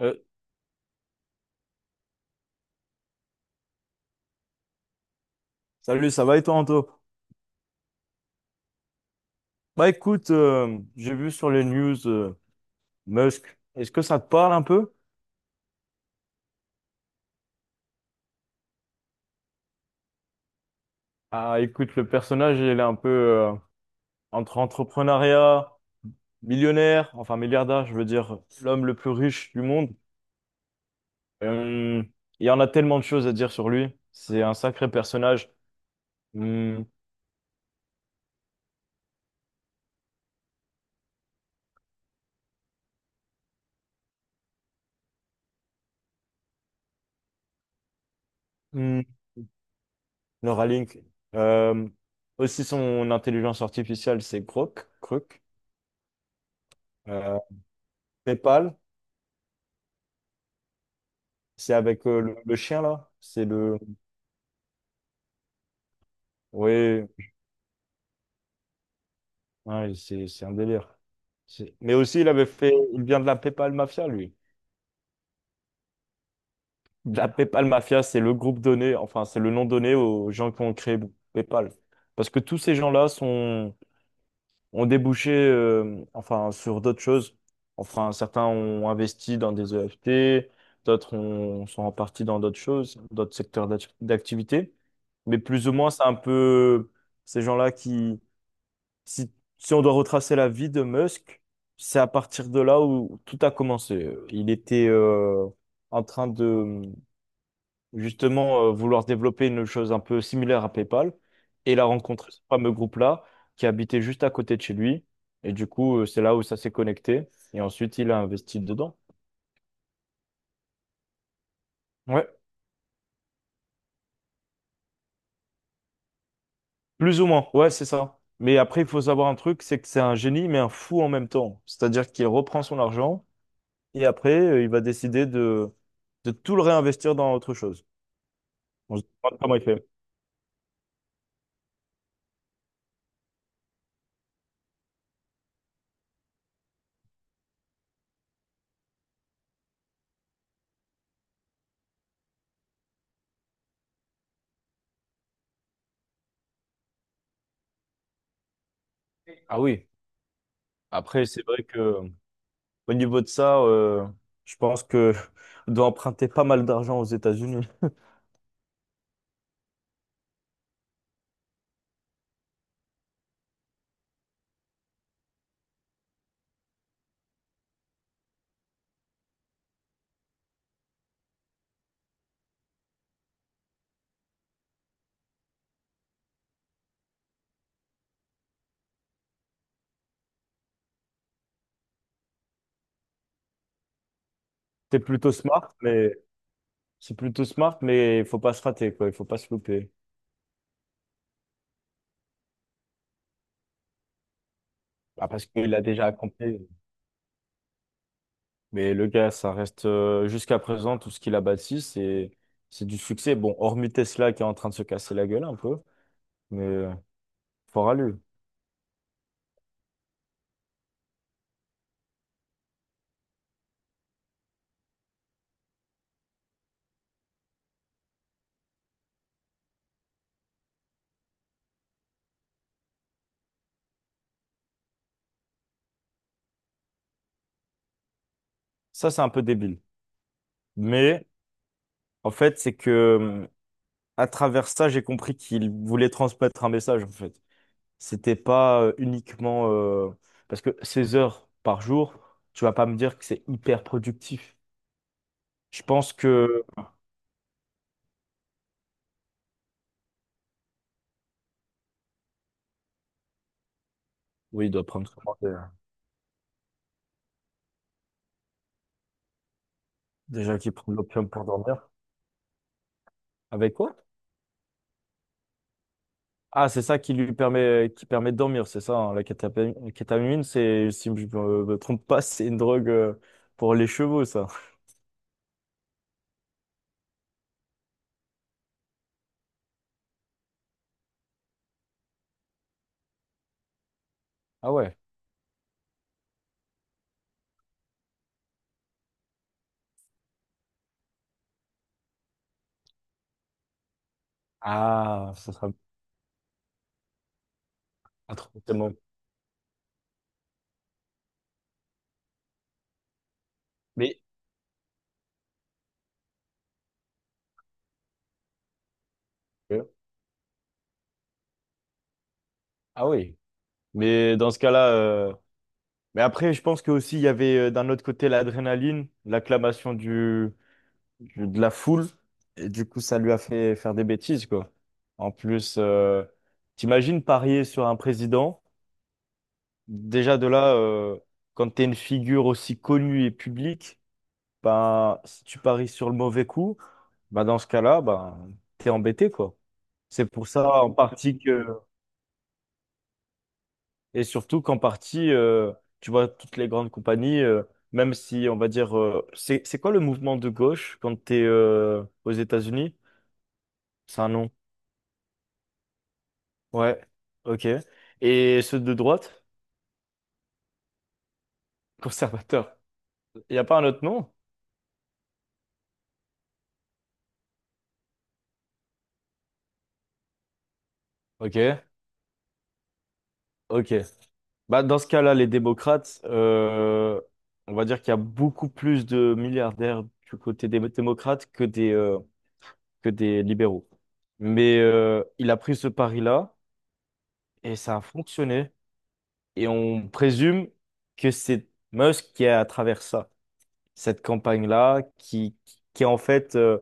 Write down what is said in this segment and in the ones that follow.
Euh, Salut, ça va et toi, Anto? Bah écoute, j'ai vu sur les news Musk. Est-ce que ça te parle un peu? Ah écoute, le personnage, il est un peu entre entrepreneuriat, millionnaire, enfin milliardaire, je veux dire, l'homme le plus riche du monde. Euh, il y en a tellement de choses à dire sur lui. C'est un sacré personnage. Hum, hum, Laura Link. Euh, aussi son intelligence artificielle, c'est Grok, Croc. Euh, PayPal, c'est avec le chien là. C'est le oui, ouais, c'est un délire. Mais aussi, il vient de la PayPal Mafia, lui. De La PayPal Mafia, c'est le groupe donné, enfin, c'est le nom donné aux gens qui ont créé PayPal. Parce que tous ces gens-là sont, ont débouché, enfin, sur d'autres choses. Enfin, certains ont investi dans des EFT, sont en partie dans d'autres choses, d'autres d'activité. Mais plus ou moins, c'est un peu ces gens-là. Si, si on doit retracer la vie de Musk, c'est à partir de là où tout a commencé. Il était en train de justement vouloir développer une chose un peu similaire à PayPal et il a rencontré ce fameux groupe-là qui habitait juste à côté de chez lui. Et du coup, c'est là où ça s'est connecté et ensuite il a investi dedans. Ouais, plus ou moins. Ouais, c'est ça. Mais après, il faut savoir un truc, c'est que c'est un génie, mais un fou en même temps. C'est-à-dire qu'il reprend son argent. Et après, il va décider de tout le réinvestir dans autre chose. On se demande comment il fait. Ah oui. Après, c'est vrai que au niveau de ça, je pense que on doit emprunter pas mal d'argent aux États-Unis. C'est plutôt smart, mais c'est plutôt smart, mais il faut pas se rater, quoi. Il faut pas se louper. Ah, parce qu'il a déjà accompli. Mais le gars, ça reste jusqu'à présent tout ce qu'il a bâti, c'est du succès. Bon, hormis Tesla qui est en train de se casser la gueule un peu, mais fort à lui. Ça, c'est un peu débile. Mais en fait, c'est que à travers ça, j'ai compris qu'il voulait transmettre un message, en fait. C'était pas uniquement parce que 16 heures par jour, tu vas pas me dire que c'est hyper productif. Je pense que oui, il doit prendre comment déjà. Déjà qu'il prend de l'opium pour dormir. Avec quoi? Ah, c'est ça qui lui permet qui permet de dormir, c'est ça, hein, la kétamine, c'est si je me trompe pas, c'est une drogue pour les chevaux ça. Ah ouais. Ah, ça sera ah, mais euh, ah oui. Mais dans ce cas-là, mais après, je pense que aussi il y avait d'un autre côté l'adrénaline, l'acclamation du, de la foule, et du coup ça lui a fait faire des bêtises quoi. En plus, t'imagines parier sur un président? Déjà de là, quand t'es une figure aussi connue et publique, ben si tu paries sur le mauvais coup, ben dans ce cas-là, ben t'es embêté quoi. C'est pour ça en partie que et surtout qu'en partie, tu vois, toutes les grandes compagnies, même si on va dire, c'est quoi le mouvement de gauche quand t'es aux États-Unis? C'est un nom. Ouais. Ok. Et ceux de droite? Conservateurs. Il n'y a pas un autre nom? Ok. Ok. Bah, dans ce cas-là, les démocrates, on va dire qu'il y a beaucoup plus de milliardaires du côté des démocrates que des libéraux. Mais il a pris ce pari-là et ça a fonctionné. Et on présume que c'est Musk qui est à travers ça, cette campagne-là, qui est en fait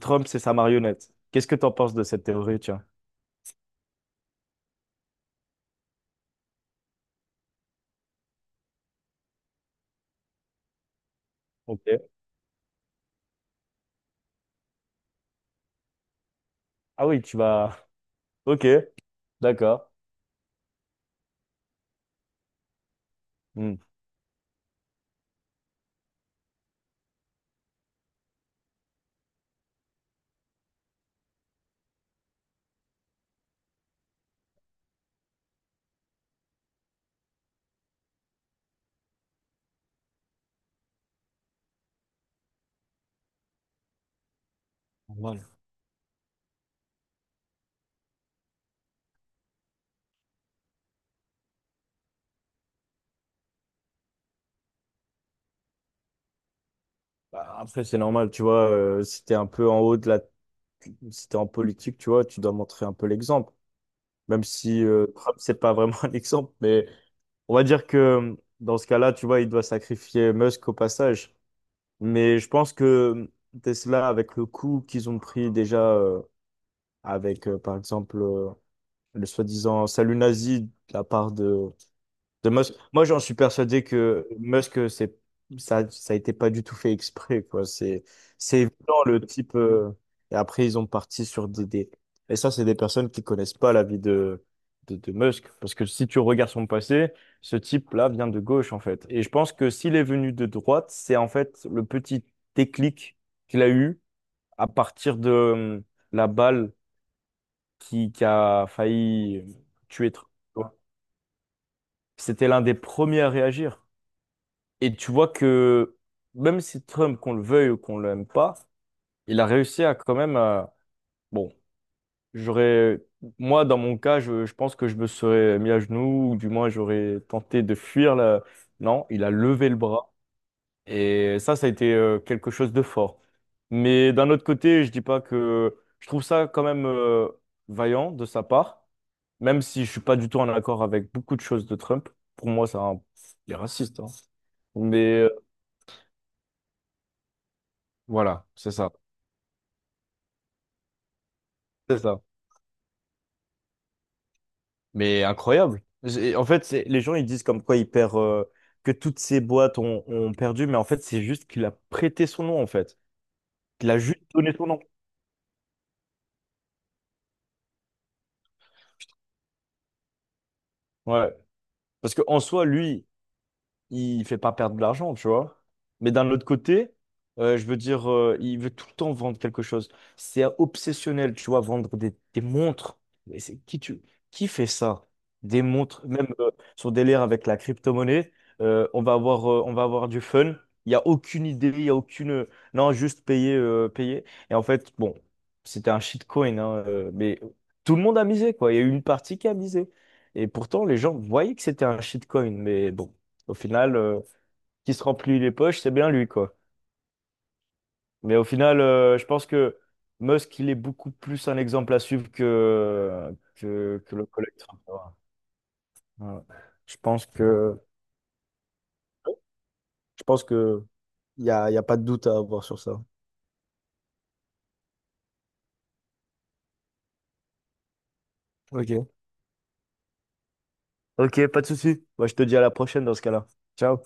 Trump, c'est sa marionnette. Qu'est-ce que tu en penses de cette théorie, tiens? Ok. Ah oui, tu vas. Ok, d'accord. Hmm. Normal. Bah, après, c'est normal, tu vois, si t'es un peu en haut de la. Si t'es en politique, tu vois, tu dois montrer un peu l'exemple. Même si Trump, c'est pas vraiment un exemple, mais on va dire que dans ce cas-là, tu vois, il doit sacrifier Musk au passage. Mais je pense que Tesla, avec le coup qu'ils ont pris déjà avec, par exemple, le soi-disant salut nazi de la part de Musk. Moi, j'en suis persuadé que Musk, c'est ça, ça a été pas du tout fait exprès, quoi. C'est évident le type. Et après, ils ont parti sur des, et ça, c'est des personnes qui connaissent pas la vie de Musk, parce que si tu regardes son passé, ce type-là vient de gauche, en fait. Et je pense que s'il est venu de droite, c'est en fait le petit déclic qu'il a eu à partir de la balle qui a failli tuer. Trump, tu vois. C'était l'un des premiers à réagir. Et tu vois que même si Trump, qu'on le veuille ou qu'on l'aime pas, il a réussi à quand même... Bon, j'aurais... Moi, dans mon cas, je pense que je me serais mis à genoux, ou du moins j'aurais tenté de fuir. Non, il a levé le bras. Et ça a été quelque chose de fort. Mais d'un autre côté, je dis pas que... Je trouve ça quand même vaillant de sa part, même si je suis pas du tout en accord avec beaucoup de choses de Trump. Pour moi, c'est un... Il est raciste, hein. Mais voilà, c'est ça. C'est ça. Mais incroyable. En fait, les gens ils disent comme quoi il perd que toutes ces boîtes ont perdu, mais en fait, c'est juste qu'il a prêté son nom en fait. Il a juste donné son nom. Ouais. Parce que en soi, lui, il fait pas perdre de l'argent, tu vois. Mais d'un autre côté, je veux dire, il veut tout le temps vendre quelque chose. C'est obsessionnel, tu vois, vendre des montres. Mais c'est qui tu qui fait ça? Des montres, même son délire avec la crypto-monnaie, on va avoir du fun. Il n'y a aucune idée, il n'y a aucune. Non, juste payer, payer. Et en fait, bon, c'était un shitcoin, hein, mais tout le monde a misé, quoi. Il y a eu une partie qui a misé. Et pourtant, les gens voyaient que c'était un shitcoin, mais bon. Au final, qui se remplit les poches, c'est bien lui, quoi. Mais au final, je pense que Musk, il est beaucoup plus un exemple à suivre que, que le collègue Trump. Voilà. Voilà. Je pense que, je pense que y a pas de doute à avoir sur ça. Ok. Ok, pas de souci. Moi, je te dis à la prochaine dans ce cas-là. Ciao.